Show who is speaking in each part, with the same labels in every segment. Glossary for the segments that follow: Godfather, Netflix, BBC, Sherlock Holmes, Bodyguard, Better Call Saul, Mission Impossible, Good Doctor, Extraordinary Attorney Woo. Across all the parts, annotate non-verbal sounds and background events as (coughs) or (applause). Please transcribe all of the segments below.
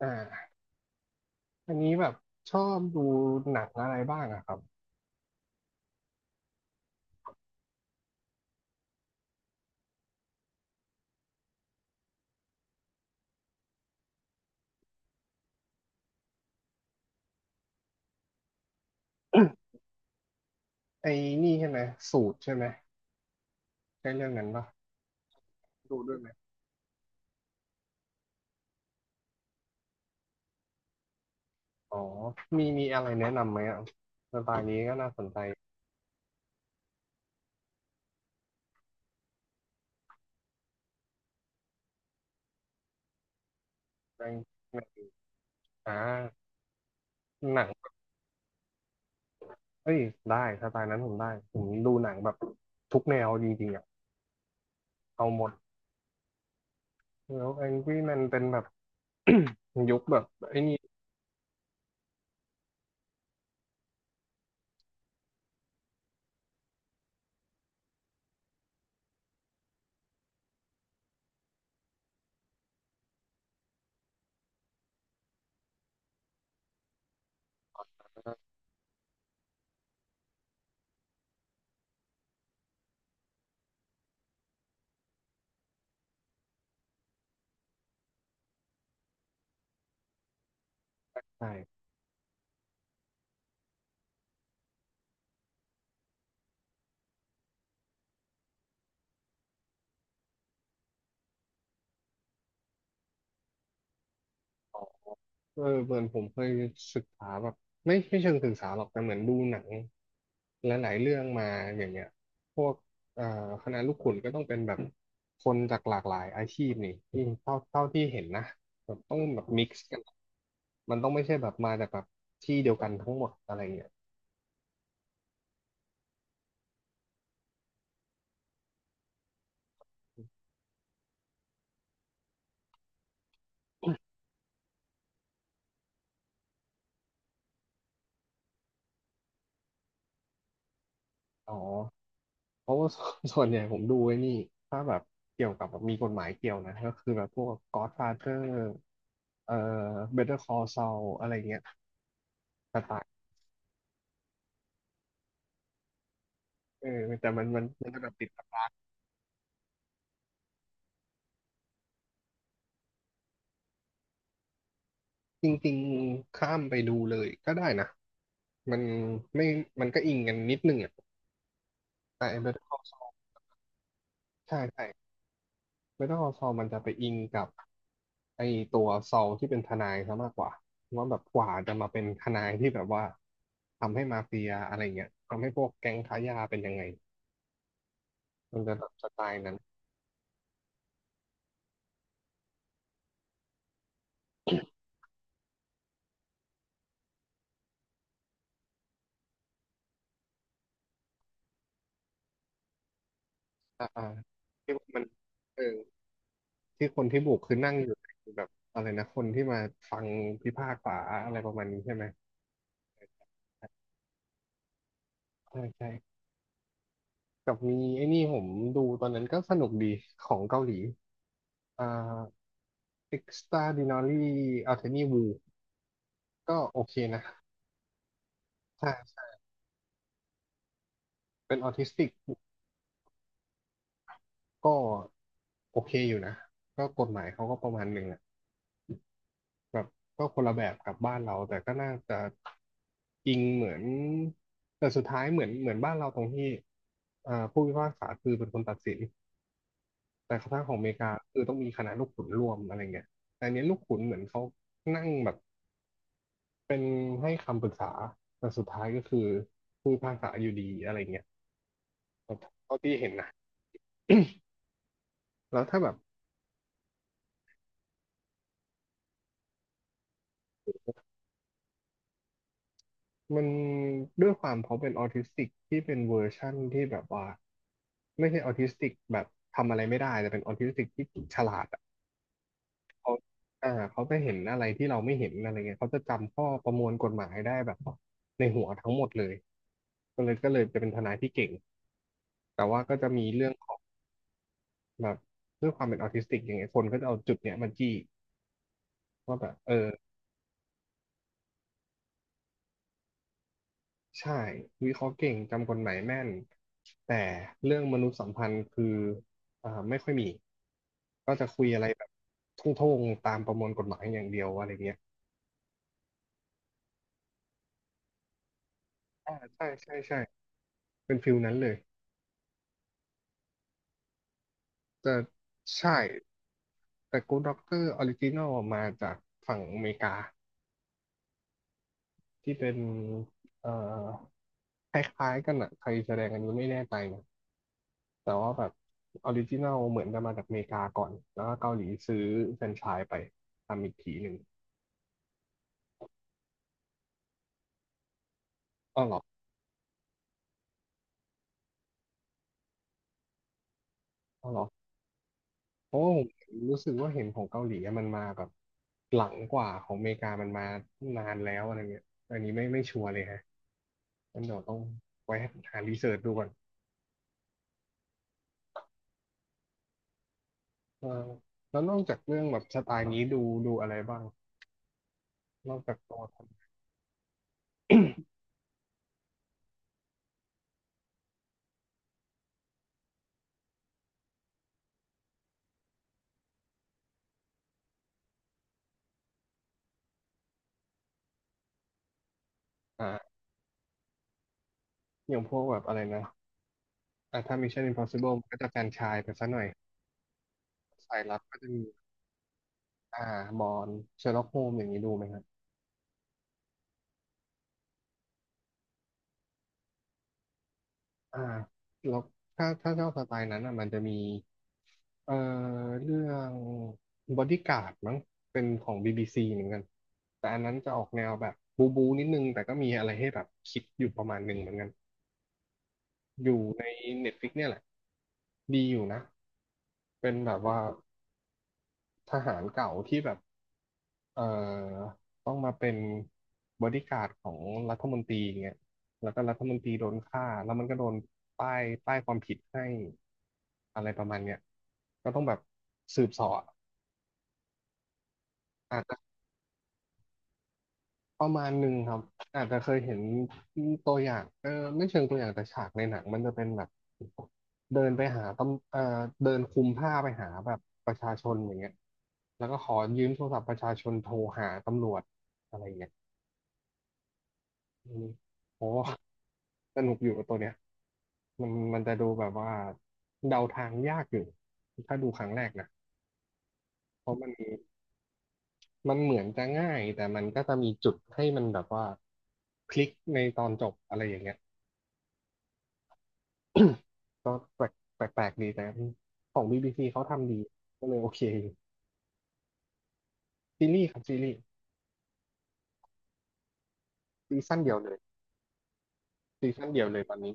Speaker 1: อ่าอันนี้แบบชอบดูหนังอะไรบ้างอะครับไอ้นี่ใช่ไหมสูตรใช่ไหมใช่เรื่องนั้นปะดูด้วยไหมอ๋อมีอะไรแนะนำไหมอ่ะสไตล์นี้ก็น่าสนใจในในอ่าหนังเอ้ยได้สไตล์นั้นผมได้ผมดูหนังแบบทุกแนวจริงๆอ่ะเอาหมดแล้วแองกี้มันเป็นแบบ (clears throat) (coughs) ยุคแบบไอ้นี่นะใช่ เออเหมือนผมเคยศึกษาแบบไม่เชิงศึกษาหรอกแต่เหมือนดูหนังหลายๆเรื่องมาอย่างเงี้ยพวกเอ่อคณะลูกขุนก็ต้องเป็นแบบคนจากหลากหลายอาชีพนี่ที่เท่าที่เห็นนะแบบต้องแบบมิกซ์กันมันต้องไม่ใช่แบบมาจากแบบที่เดียวกันทั้งหมดอะไรเงี้ยอ๋อเพราะว่า (laughs) ส่วนใหญ่ผมดูไอ้นี่ถ้าแบบเกี่ยวกับแบบมีกฎหมายเกี่ยวนะก็คือแบบพวก Godfather เอ่อ Better Call Saul อะไรเงี้ยสไต เออแต่มันจะแบบติดตาจริงๆข้ามไปดูเลยก็ได้นะมันไม่มันก็อิงกันนิดนึงอ่ะแต่ไอ้ Better Call Saul ใช่ใช่ Better Call Saul มันจะไปอิงกับไอตัวซอลที่เป็นทนายซะมากกว่าว่าแบบกว่าจะมาเป็นทนายที่แบบว่าทำให้มาเฟียอะไรเงี้ยทำให้พวกแก๊งค้ายาเป็นยังไงมันจะแบบสไตล์นั้นอ่าอ่าที่มันเออที่คนที่บุกคือนั่งอยู่ในแบบอะไรนะคนที่มาฟังพิพากษาอะไรประมาณนี้ใช่ไหม ใช่ใช่กับมีไอ้นี่ผมดูตอนนั้นก็สนุกดีของเกาหลีอ่า Extraordinary Attorney Woo ก็โอเคนะใช่ใช่เป็นออทิสติกก็โอเคอยู่นะ ก็กฎหมายเขาก็ประมาณหนึ่งอะแบบก็คนละแบบกับบ้านเรา แต่ก็น่าจะอิงเหมือนแต่สุดท้ายเหมือนบ้านเราตรงที่อ่าผู้พิพากษาคือเป็นคนตัดสินแต่ทางของอเมริกาคือต้องมีคณะลูกขุนร่วมอะไรเงี้ยแต่อันเนี้ยลูกขุนเหมือนเขานั่งแบบ เป็นให้คำปรึกษาแต่สุดท้ายก็คือพูดภาษาอยู่ดีอะไรเงี้ยเท่าที่เห็นนะแล้วถ้าแบบมันด้วยความเขาเป็นออทิสติกที่เป็นเวอร์ชั่นที่แบบว่าไม่ใช่ออทิสติกแบบทำอะไรไม่ได้แต่เป็นออทิสติกที่ฉลาดอะเขาอ่าเขาจะเห็นอะไรที่เราไม่เห็นอะไรเงี้ยเขาจะจำข้อประมวลกฎหมายได้แบบในหัวทั้งหมดเลยก็เลยจะเป็นทนายที่เก่งแต่ว่าก็จะมีเรื่องของแบบด้วยความเป็นออทิสติกอย่างเงี้ยคนก็จะเอาจุดเนี้ยมาจี้ ว่าแบบเออใช่วิเคราะห์เก่งจำกฎหมายแม่นแต่เรื่องมนุษยสัมพันธ์คืออ่าไม่ค่อยมีก็จะคุยอะไรแบบทุ่งๆตามประมวลกฎหมายอย่างเดียวอะไรเงี้ยอ่าใช่ใช่ใช่เป็นฟิลนั้นเลยแต่ใช่แต่ Good Doctor Original มาจากฝั่งอเมริกาที่เป็นเอ่อคล้ายๆกันอะใครแสดงอันนี้ไม่แน่ใจนะ แต่ว่าแบบออริจินัลเหมือนจะมาจากอเมริกาก่อน แล้วก็เกาหลีซื้อแฟรนไชส์ไปทำอีกทีหนึ่งอ้าวเหรออ้าวเหรอเพราะว่าผมรู้สึกว่าเห็นของเกาหลีอะมันมาแบบหลังกว่าของอเมริกามันมานานแล้วอะไรเงี้ยอันนี้ไม่ชัวร์เลยฮะงั้นเดี๋ยวต้องไว้หารีเสิร์ชดูก่อนเออแล้วนอกจากเรื่องแบบสไตล์นี้ดูดูอะไรบ้างนอกจากตัวทำอ่าอย่างพวกแบบอะไรนะอ่ะถ้า Mission Impossible มันก็จะแฟรนไชส์ไปซะหน่อยสายลับก็จะมี อ่ามอนเชอร์ล็อกโฮมอย่างนี้ดูไหมครับอ่าแล้วถ้าถ้าชอบสไตล์นั้นอ่ะมันจะมีเอ่อเรื่องบอดี้การ์ดมั้งเป็นของ BBC เหมือนกันแต่อันนั้นจะออกแนวแบบบูบูนิดนึงแต่ก็มีอะไรให้แบบคิดอยู่ประมาณหนึ่งเหมือนกันอยู่ใน Netflix เนี่ยแหละดีอยู่นะเป็นแบบว่า ทหารเก่าที่แบบเอ่อต้องมาเป็นบอดี้การ์ดของรัฐมนตรีอย่างเงี้ยแล้วก็รัฐมนตรีโดนฆ่าแล้วมันก็โดนป้ายความผิดให้อะไรประมาณเนี้ยก็ต้องแบบสืบเสอบอะอ่ะ ประมาณหนึ่งครับอาจจะเคยเห็นตัวอย่างไม่เชิงตัวอย่างแต่ฉากในหนังมันจะเป็นแบบเดินไปหาตำเออเดินคลุมผ้าไปหาแบบประชาชนอย่างเงี้ยแล้วก็ขอยืมโทรศัพท์ประชาชนโทรหาตำรวจอะไรเงี้ยอืมโอ้สนุกอยู่ตัวเนี้ยมันจะดูแบบว่าเดาทางยากอยู่ถ้าดูครั้งแรกนะเพราะมันเหมือนจะง่ายแต่มันก็จะมีจุดให้มันแบบว่าพลิกในตอนจบอะไรอย่างเงี้ย (coughs) ก็แปลกแปลกแปลกดีแต่ของ BBC เขาทำดีก็เลยโอเคอยู่ซีรีส์ครับซีรีส์ซีซั่นเดียวเลยซีซั่นเดียวเลยตอนนี้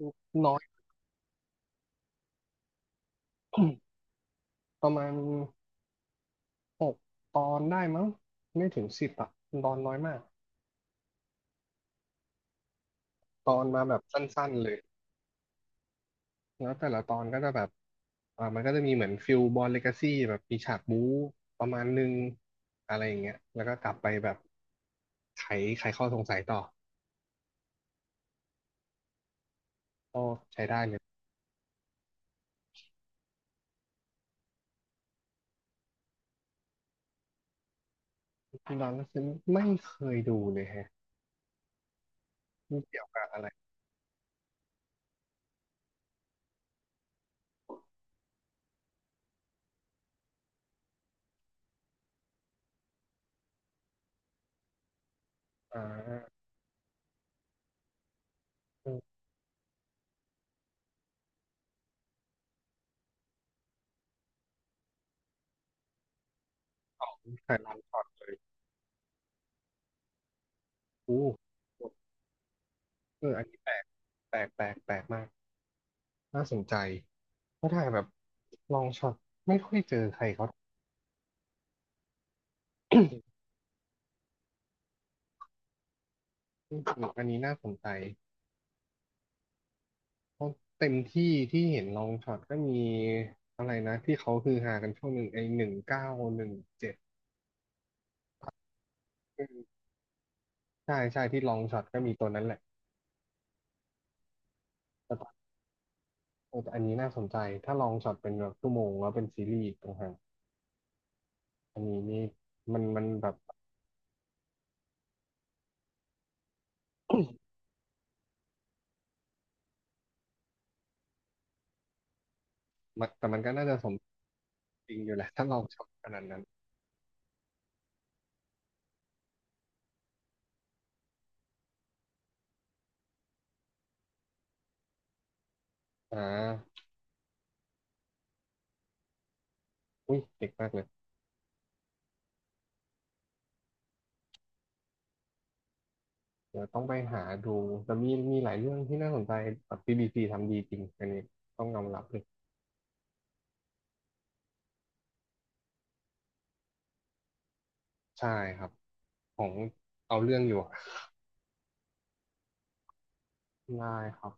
Speaker 1: (coughs) น้อย (coughs) ประมาณ6ตอนได้มั้งไม่ถึง10อะตอนน้อยมากตอนมาแบบสั้นๆเลยแล้วแต่ละตอนก็จะแบบมันก็จะมีเหมือนฟิลบอลเลกาซี่แบบมีฉากบู๊ประมาณนึงอะไรอย่างเงี้ยแล้วก็กลับไปแบบไขไขข้อสงสัยต่อก็ใช้ได้เลย นอนฉันไม่เคยดูเลยแฮะมันเกี่ยวกับอะไรอ่าอืมไลอนช็อตเลยอู้เอออันนี้แปลกแปลกแปลกแปลกมากน่าสนใจเพราะถ่ายแบบลองช็อตไม่ค่อยเจอใครเขาอืมอันนี้น่าสนใจเพราะเต็มที่ที่เห็นลองช็อตก็มีอะไรนะที่เขาฮือฮากันช่วงหนึ่งไอ้1917ใช่ใช่ที่ลองช็อตก็มีตัวนั้นแหละแต่ตอนเออแต่อันนี้น่าสนใจถ้าลองช็อตเป็นแบบชั่วโมงแล้วเป็นซีรีส์ต่างหาก อันนี้นี่มันแบบมันแต่มันก็น่าจะสมจริงอยู่แหละถ้าเราชอบขนาดนั้นอ่าอุ้ยเด็กมากเลยเดี๋ยวต้องไปหาดูแต่มีหลายเรื่องที่น่าสนใจแบบ BBC ทำดีจริงอันนี้ต้องยอมรับเลยใช่ครับของเอาเรื่องอยู่อะได้ครับ